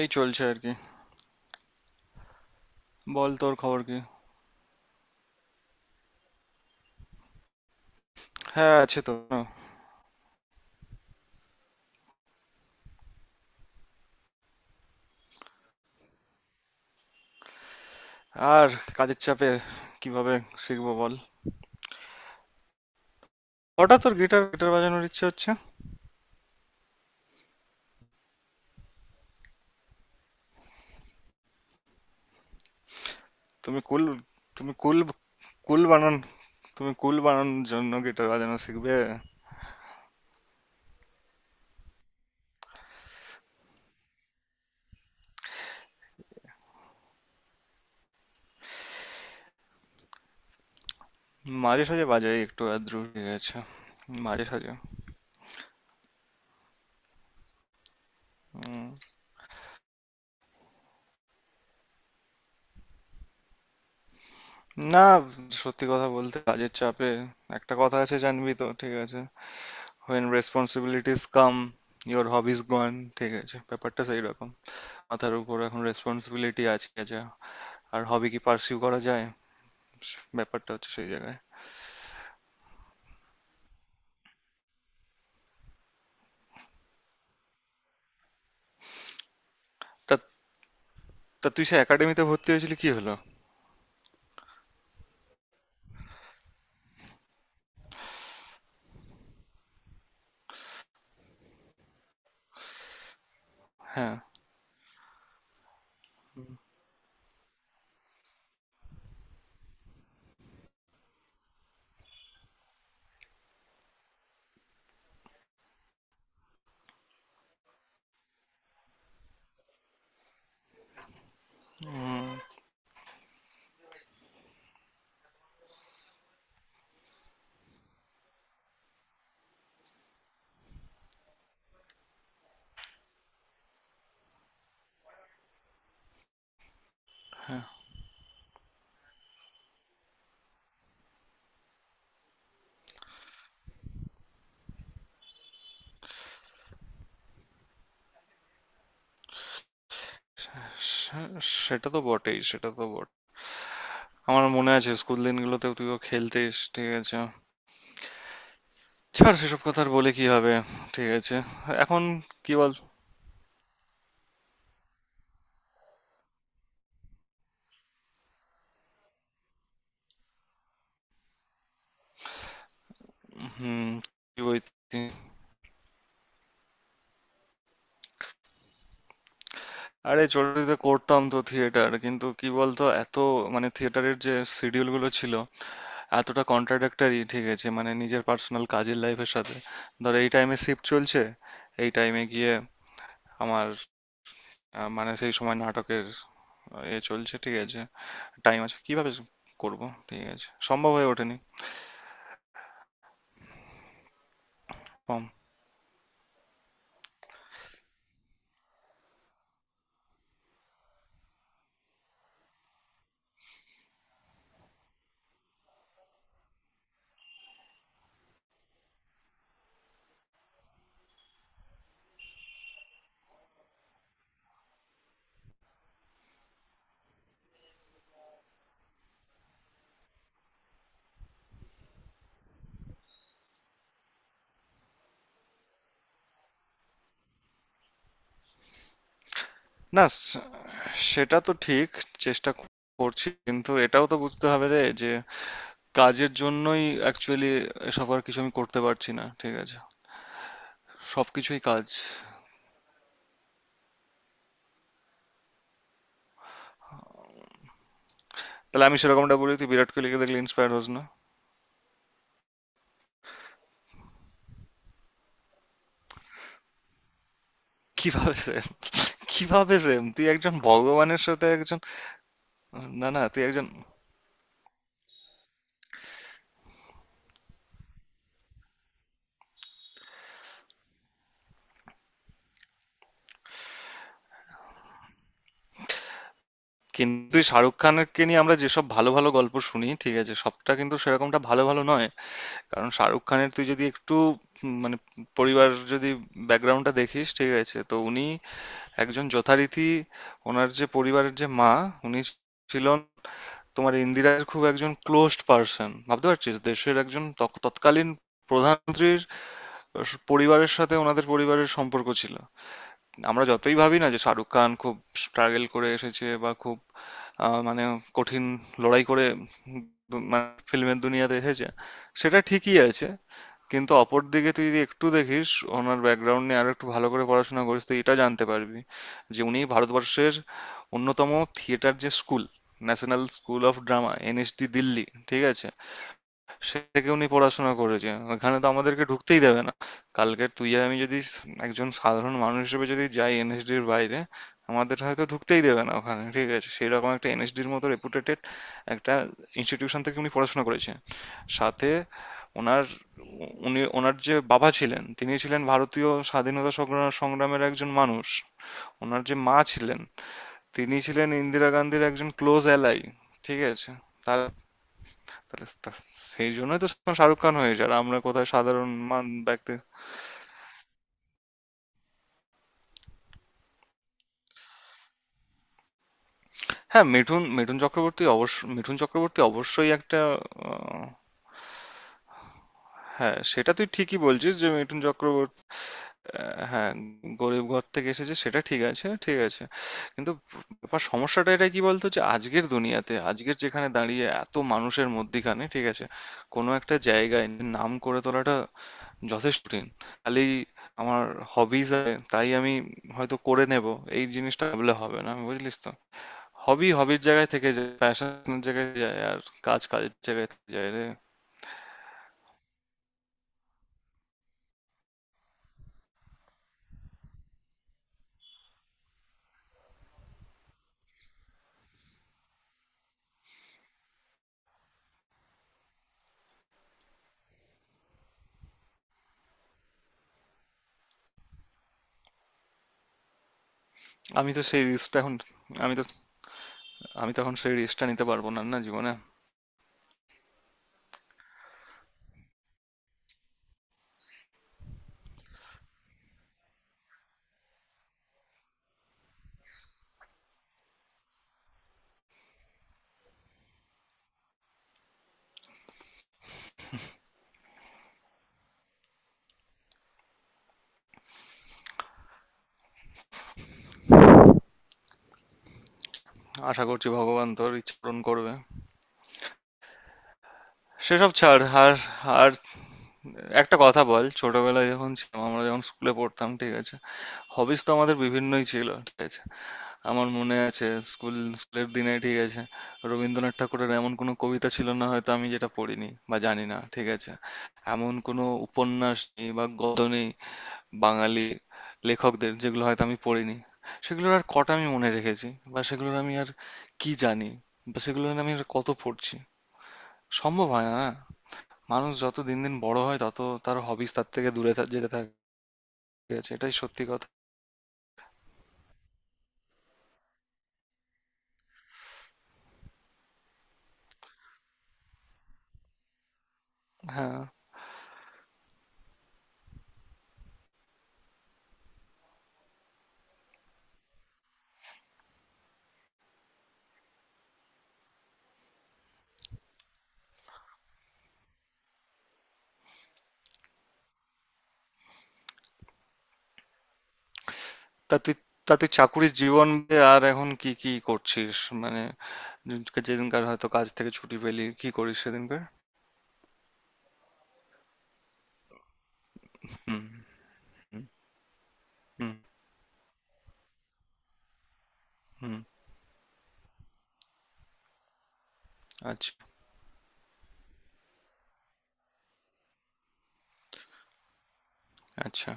এই চলছে আর কি। বল, তোর খবর কি? হ্যাঁ, আছে তো। আর কাজের চাপে কিভাবে শিখবো বল। হঠাৎ তোর গিটার গিটার বাজানোর ইচ্ছে হচ্ছে? তুমি কুল। তুমি কুল। কুল বানান। তুমি কুল বানানোর জন্য গিটার বাজানো শিখবে? মাঝে সাঝে বাজাই একটু আধটু, ঠিক আছে? মাঝে সাঝে। উম, না, সত্যি কথা বলতে কাজের চাপে। একটা কথা আছে জানবি তো, ঠিক আছে? When responsibilities come, your hobbies gone. ঠিক আছে, ব্যাপারটা সেই রকম। মাথার উপর এখন রেসপন্সিবিলিটি আছে, যা আর হবি কি পার্সিউ করা যায়? ব্যাপারটা হচ্ছে সেই জায়গায়। তা তা তুই সে একাডেমিতে ভর্তি হয়েছিলি, কি হলো? হ্যাঁ। উম, হ্যাঁ। সেটা তো বটেই, সেটা তো বট আমার মনে আছে স্কুল দিনগুলোতেও তুইও খেলতিস, ঠিক আছে? ছাড় সেসব কথা, আর বলে কি হবে? ঠিক আছে। এখন কি বল। হুম। কি বলছি? আরে ছোটতে করতাম তো থিয়েটার, কিন্তু কি বলতো, এত মানে থিয়েটারের যে শিডিউল গুলো ছিল এতটা কন্ট্রাডাক্টরি, ঠিক আছে? মানে নিজের পার্সোনাল কাজের লাইফের সাথে। ধরো এই টাইমে শিফট চলছে, এই টাইমে গিয়ে আমার মানে সেই সময় নাটকের এ চলছে, ঠিক আছে? টাইম আছে কিভাবে করব? ঠিক আছে, সম্ভব হয়ে ওঠেনি। কম। না স- সেটা তো ঠিক। চেষ্টা করছি, কিন্তু এটাও তো বুঝতে হবে রে, যে কাজের জন্যই অ্যাকচুয়ালি এসব আর কিছু আমি করতে পারছি না, ঠিক আছে? সবকিছুই কাজ। তাহলে আমি সেরকমটা বলি, তুই বিরাট কোহলিকে দেখলে ইন্সপায়ার হোস না? কিভাবে সে, কিভাবে সেম? তুই একজন ভগবানের সাথে একজন। না না, তুই একজন। কিন্তু তুই শাহরুখ খানকে নিয়ে আমরা যেসব ভালো ভালো গল্প শুনি, ঠিক আছে, সবটা কিন্তু সেরকমটা ভালো ভালো নয়। কারণ শাহরুখ খানের তুই যদি একটু মানে পরিবার, যদি ব্যাকগ্রাউন্ডটা দেখিস, ঠিক আছে, তো উনি একজন যথারীতি, ওনার যে পরিবারের যে মা উনি ছিলেন তোমার ইন্দিরার খুব একজন ক্লোজড পার্সন। ভাবতে পারছিস, দেশের একজন তৎকালীন প্রধানমন্ত্রীর পরিবারের সাথে ওনাদের পরিবারের সম্পর্ক ছিল। আমরা যতই ভাবি না যে শাহরুখ খান খুব স্ট্রাগল করে এসেছে বা খুব মানে কঠিন লড়াই করে ফিল্মের দুনিয়াতে এসেছে, সেটা ঠিকই আছে, কিন্তু অপর দিকে তুই যদি একটু দেখিস ওনার ব্যাকগ্রাউন্ড নিয়ে আরো একটু ভালো করে পড়াশোনা করিস তো এটা জানতে পারবি, যে উনি ভারতবর্ষের অন্যতম থিয়েটার যে school, National School of Drama, NSD Delhi, ঠিক আছে, সেটাকে উনি পড়াশোনা করেছে। এখানে তো আমাদেরকে ঢুকতেই দেবে না। কালকে তুই আর আমি যদি একজন সাধারণ মানুষ হিসেবে যদি যাই এনএসডির বাইরে, আমাদের হয়তো ঢুকতেই দেবে না ওখানে, ঠিক আছে? সেই রকম একটা এনএসডির মতো রেপুটেটেড একটা ইনস্টিটিউশন থেকে উনি পড়াশোনা করেছে। সাথে ওনার, উনি ওনার যে বাবা ছিলেন তিনি ছিলেন ভারতীয় স্বাধীনতা সংগ্রামের একজন মানুষ। ওনার যে মা ছিলেন তিনি ছিলেন ইন্দিরা গান্ধীর একজন ক্লোজ অ্যালাই, ঠিক আছে? তার তাহলে তা- সেই জন্যই তো শাহরুখ খান হয়েছে, আর আমরা কোথায় সাধারণ মান ব্যক্তি। হ্যাঁ, মিঠুন মিঠুন চক্রবর্তী অবশ্য মিঠুন চক্রবর্তী অবশ্যই একটা আহ, হ্যাঁ, সেটা তুই ঠিকই বলছিস যে মিঠুন চক্রবর্তী হ্যাঁ, গরিব ঘর থেকে এসেছে, সেটা ঠিক আছে, ঠিক আছে। কিন্তু সমস্যাটা এটা, কি বলতো, যে আজকের দুনিয়াতে আজকের যেখানে দাঁড়িয়ে এত মানুষের মধ্যিখানে, ঠিক আছে, কোনো একটা জায়গায় নাম করে তোলাটা যথেষ্ট কঠিন। খালি আমার হবিজ আছে তাই আমি হয়তো করে নেব, এই জিনিসটা ভাবলে হবে না, বুঝলিস তো? হবির জায়গায় থেকে যায়, প্যাশনের জায়গায় যায়, আর কাজের জায়গায় থেকে যায় রে। আমি তো সেই রিস্কটা এখন আমি তো আমি তো এখন সেই রিস্কটা নিতে পারবো না না জীবনে। আশা করছি ভগবান তোর ইচ্ছা পূরণ করবে। সেসব ছাড় আর। আর একটা কথা বল, ছোটবেলায় যখন ছিলাম, আমরা যখন স্কুলে পড়তাম, ঠিক আছে, হবিস তো আমাদের বিভিন্নই ছিল, ঠিক আছে। আমার মনে আছে, স্কুল স্কুলের দিনে, ঠিক আছে, রবীন্দ্রনাথ ঠাকুরের এমন কোনো কবিতা ছিল না হয়তো আমি যেটা পড়িনি বা জানি না, ঠিক আছে? এমন কোনো উপন্যাস নেই বা গদ্য নেই বাঙালি লেখকদের যেগুলো হয়তো আমি পড়িনি। সেগুলোর আর কটা আমি মনে রেখেছি, বা সেগুলোর আমি আর কি জানি, বা সেগুলো আমি আর কত পড়ছি। সম্ভব হয় না না। মানুষ যত দিন দিন বড় হয়, তত তার হবিস তার থেকে যেতে থাকে। ঠিক আছে, এটাই সত্যি কথা। হ্যাঁ। তা তুই তা তুই চাকুরির জীবন বাদে আর এখন কি কি করছিস? মানে যেদিনকার হয়তো কাজ থেকে ছুটি পেলি কি করিস সেদিনকার? হুম। হুম। হুম। আচ্ছা। আচ্ছা।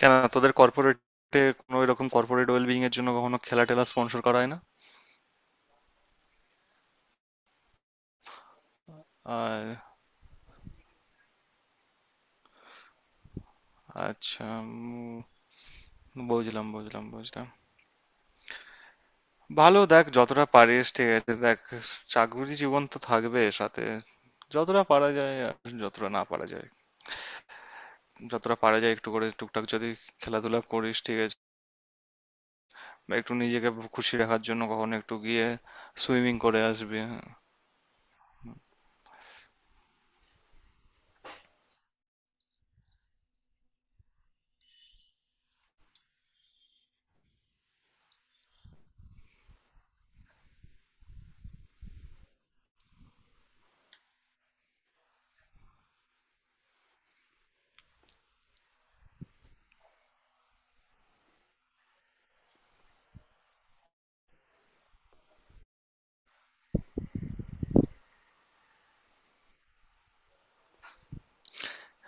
কেন তোদের কর্পোরেটে কোনো এরকম কর্পোরেট ওয়েলবিং এর জন্য কখনো খেলা টেলা স্পন্সর করা হয় না? আর আচ্ছা, বুঝলাম, বুঝলাম, বুঝলাম। ভালো, দেখ যতটা পারিস, ঠিক আছে, দেখ চাকুরি জীবন তো থাকবে সাথে, যতটা পারা যায় আর যতটা না পারা যায়, যতটা পারা যায় একটু করে টুকটাক যদি খেলাধুলা করিস, ঠিক আছে, বা একটু নিজেকে খুশি রাখার জন্য কখনো একটু গিয়ে সুইমিং করে আসবি।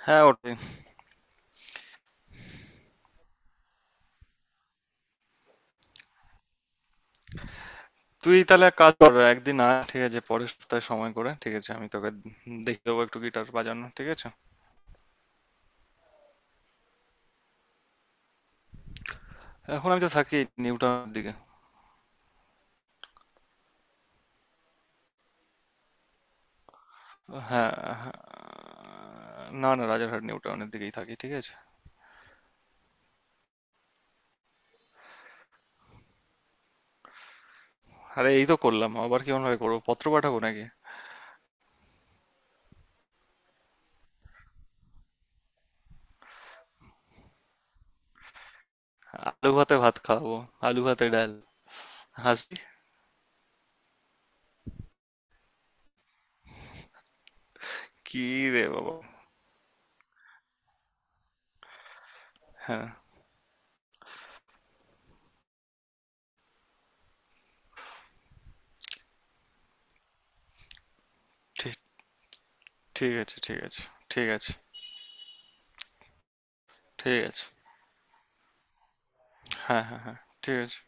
হ্যাঁ, ওটাই। তুই তাহলে এক কাজ কর, একদিন আয়, ঠিক আছে? পরের সপ্তাহে সময় করে, ঠিক আছে, আমি তোকে দেখে দেবো একটু গিটার বাজানো, ঠিক আছে? এখন আমি তো থাকি নিউ টাউনের দিকে। হ্যাঁ। হ্যাঁ। না না, রাজারহাট নিউ টাউনের দিকেই থাকি, ঠিক আছে? আরে এই তো করলাম, আবার কি অন্যভাবে করবো, পত্র পাঠাবো নাকি? আলু ভাতে ভাত খাওয়াবো, আলু ভাতে ডাল, হাসি। কি রে বাবা! হ্যাঁ। ঠিক। ঠিক আছে, ঠিক আছে। ঠিক আছে। ঠিক আছে। হ্যাঁ, হ্যাঁ, হ্যাঁ। ঠিক আছে।